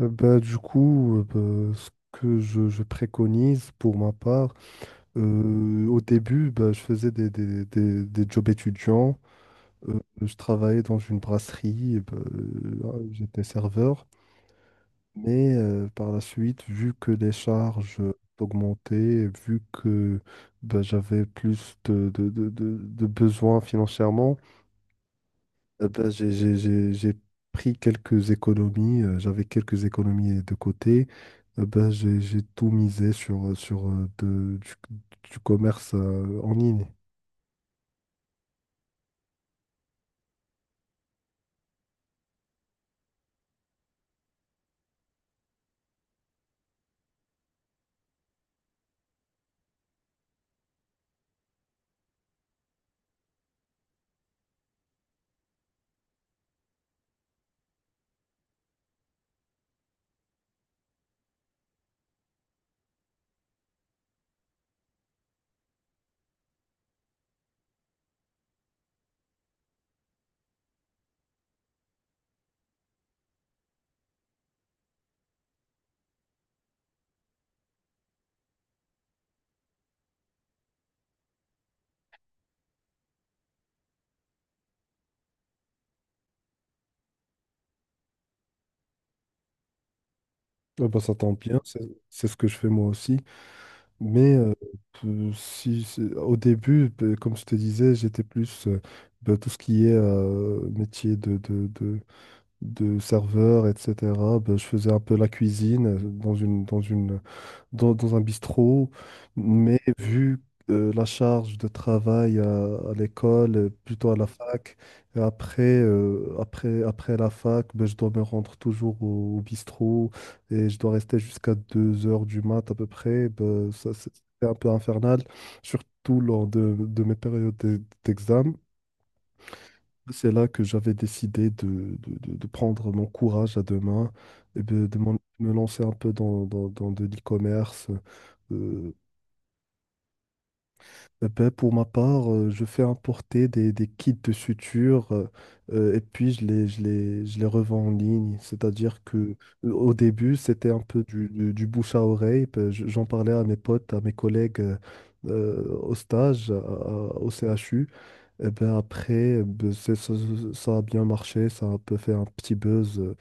Bah, du coup, bah, ce que je préconise pour ma part, au début, bah, je faisais des jobs étudiants. Je travaillais dans une brasserie, et bah, j'étais serveur. Mais par la suite, vu que les charges augmentaient, vu que bah, j'avais plus de besoins financièrement, ben, j'ai pris quelques économies, j'avais quelques économies de côté. Ben, j'ai tout misé sur, du commerce en ligne. Ben, ça tombe bien, c'est ce que je fais moi aussi. Mais peu- si, c'est- au début, comme je te disais, j'étais plus ben, tout ce qui est métier de serveur, etc. Ben, je faisais un peu la cuisine dans un bistrot, mais vu la charge de travail à l'école, plutôt à la fac, et après, après la fac, ben, je dois me rendre toujours au bistrot et je dois rester jusqu'à 2 heures du mat à peu près. Ben, ça, c'est un peu infernal, surtout lors de mes périodes d'examen. C'est là que j'avais décidé de prendre mon courage à deux mains et me lancer un peu dans de l'e-commerce euh, Eh ben, pour ma part, je fais importer des kits de suture et puis je les revends en ligne. C'est-à-dire que au début, c'était un peu du bouche à oreille. Ben, j'en parlais à mes potes, à mes collègues au stage, au CHU. Et ben, après, ben, ça a bien marché. Ça a un peu fait un petit buzz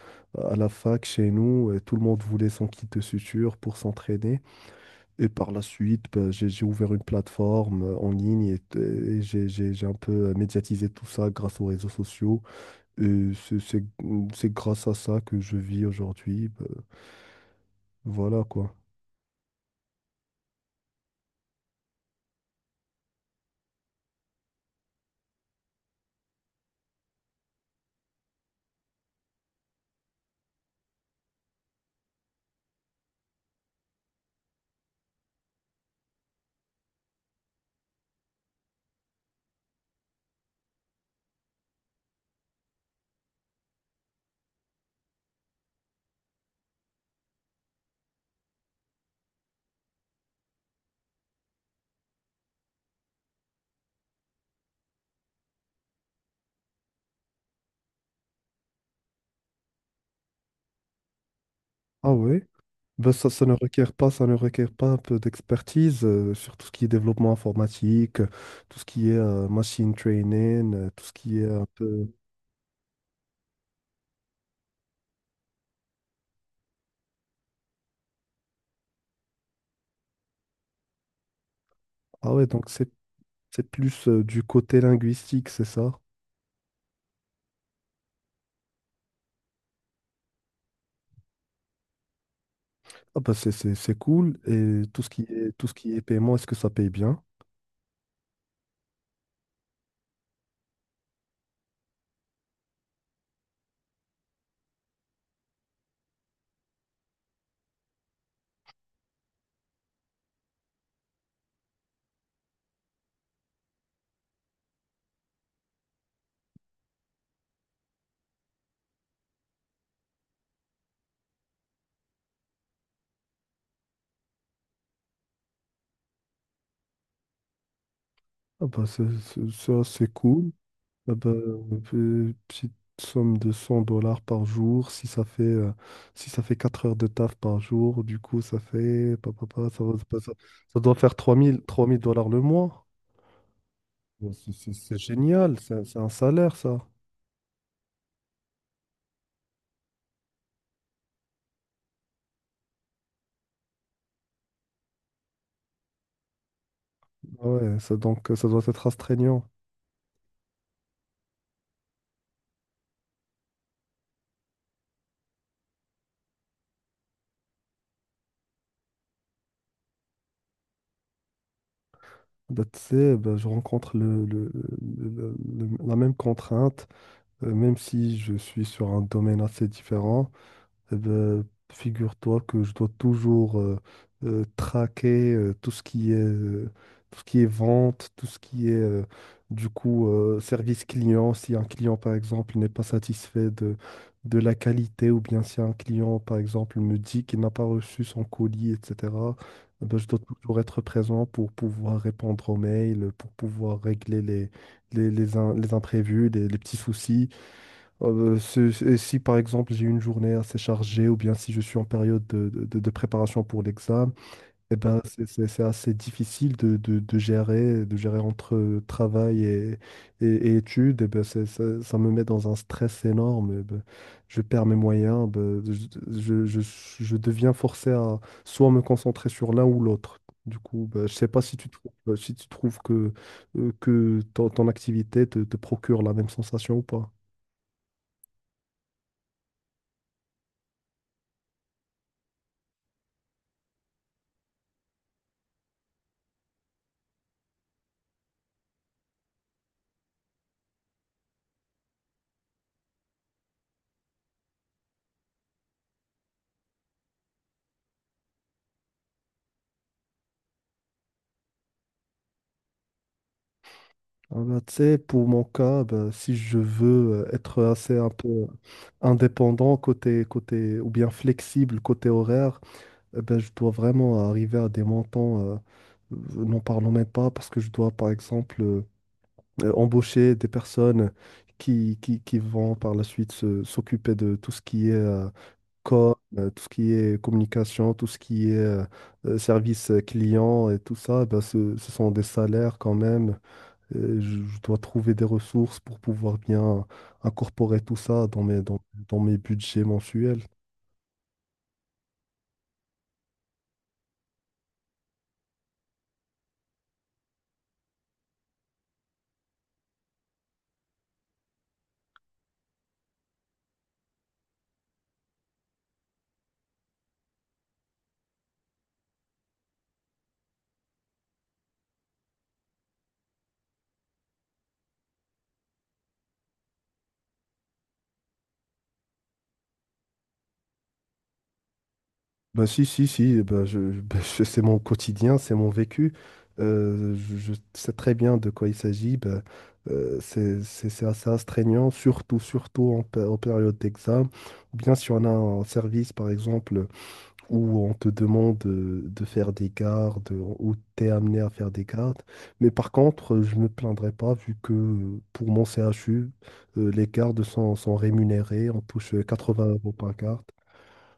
à la fac chez nous. Et tout le monde voulait son kit de suture pour s'entraîner. Et par la suite, ben, j'ai ouvert une plateforme en ligne et j'ai un peu médiatisé tout ça grâce aux réseaux sociaux. Et c'est grâce à ça que je vis aujourd'hui. Ben, voilà quoi. Ah ouais? Ben, ça ne requiert pas un peu d'expertise sur tout ce qui est développement informatique, tout ce qui est machine training, tout ce qui est un peu. Ah ouais, donc c'est plus du côté linguistique, c'est ça? Ah bah, c'est cool. Et tout ce qui est paiement, est-ce que ça paye bien? Ah bah, ça, c'est cool. Ah bah, petite somme de 100 dollars par jour, si ça fait 4 heures de taf par jour, du coup, ça fait... pa, pa, pa, ça, va- ça- ça doit faire 3000 dollars le mois. Bah, c'est génial, c'est un salaire, ça. Ah ouais, ça, donc, ça doit être astreignant. Bah, tu sais, bah, je rencontre le- le- la même contrainte. Même si je suis sur un domaine assez différent, eh ben, figure-toi que je dois toujours traquer tout ce qui est vente, tout ce qui est du coup service client. Si un client, par exemple, n'est pas satisfait de la qualité, ou bien si un client, par exemple, me dit qu'il n'a pas reçu son colis, etc., eh ben, je dois toujours être présent pour pouvoir répondre aux mails, pour pouvoir régler les imprévus, les petits soucis. Et si par exemple j'ai une journée assez chargée ou bien si je suis en période de préparation pour l'examen, eh ben c'est assez difficile de gérer entre travail et études. Eh ben, ça me met dans un stress énorme. Eh ben, je perds mes moyens. Ben, je deviens forcé à soit me concentrer sur l'un ou l'autre. Du coup, ben, je sais pas si tu trouves que ton activité te procure la même sensation ou pas. Ah bah, tu sais, pour mon cas, bah, si je veux être assez un peu indépendant côté, ou bien flexible côté horaire, eh ben, je dois vraiment arriver à des montants, n'en parlons même pas, parce que je dois, par exemple, embaucher des personnes qui vont par la suite s'occuper de tout ce qui est tout ce qui est communication, tout ce qui est service client et tout ça. Eh ben ce sont des salaires quand même. Je dois trouver des ressources pour pouvoir bien incorporer tout ça dans mes budgets mensuels. Ben si, eh ben c'est mon quotidien, c'est mon vécu. Je sais très bien de quoi il s'agit. Ben, c'est assez astreignant, surtout en période d'examen. Ou bien si on a un service, par exemple, où on te demande de faire des gardes, où tu es amené à faire des gardes. Mais par contre, je ne me plaindrai pas vu que pour mon CHU, les gardes sont rémunérés, on touche 80 euros par garde.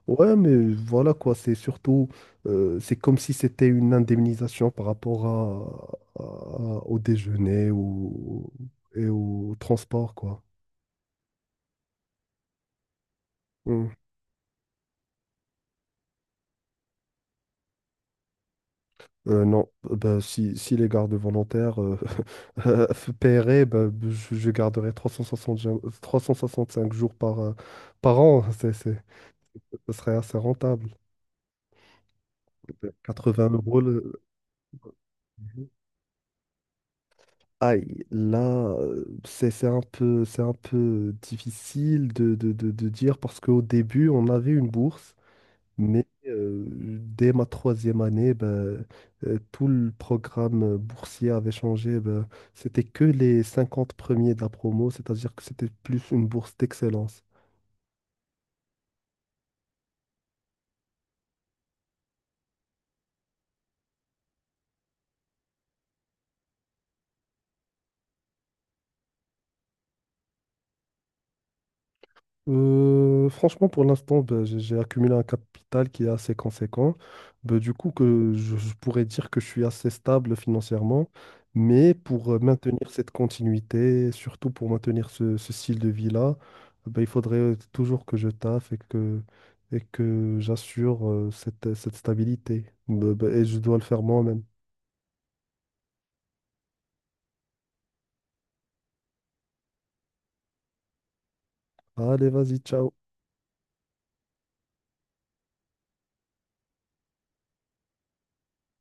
Ouais, mais voilà quoi, c'est surtout, c'est comme si c'était une indemnisation par rapport au déjeuner et au transport, quoi. Mm. Non, bah, si les gardes volontaires euh, paieraient, bah, je garderais 5 jours par an. Ce serait assez rentable. 80 euros. Mhm. Aïe, là, c'est un peu difficile de dire parce qu'au début, on avait une bourse. Mais dès ma troisième année, ben, tout le programme boursier avait changé. Ben, c'était que les 50 premiers de la promo, c'est-à-dire que c'était plus une bourse d'excellence. Franchement, pour l'instant, ben, j'ai accumulé un capital qui est assez conséquent. Ben, du coup, que je pourrais dire que je suis assez stable financièrement, mais pour maintenir cette continuité, surtout pour maintenir ce style de vie-là, ben, il faudrait toujours que je taffe et que j'assure cette stabilité. Ben, ben, et je dois le faire moi-même. Allez, vas-y, ciao.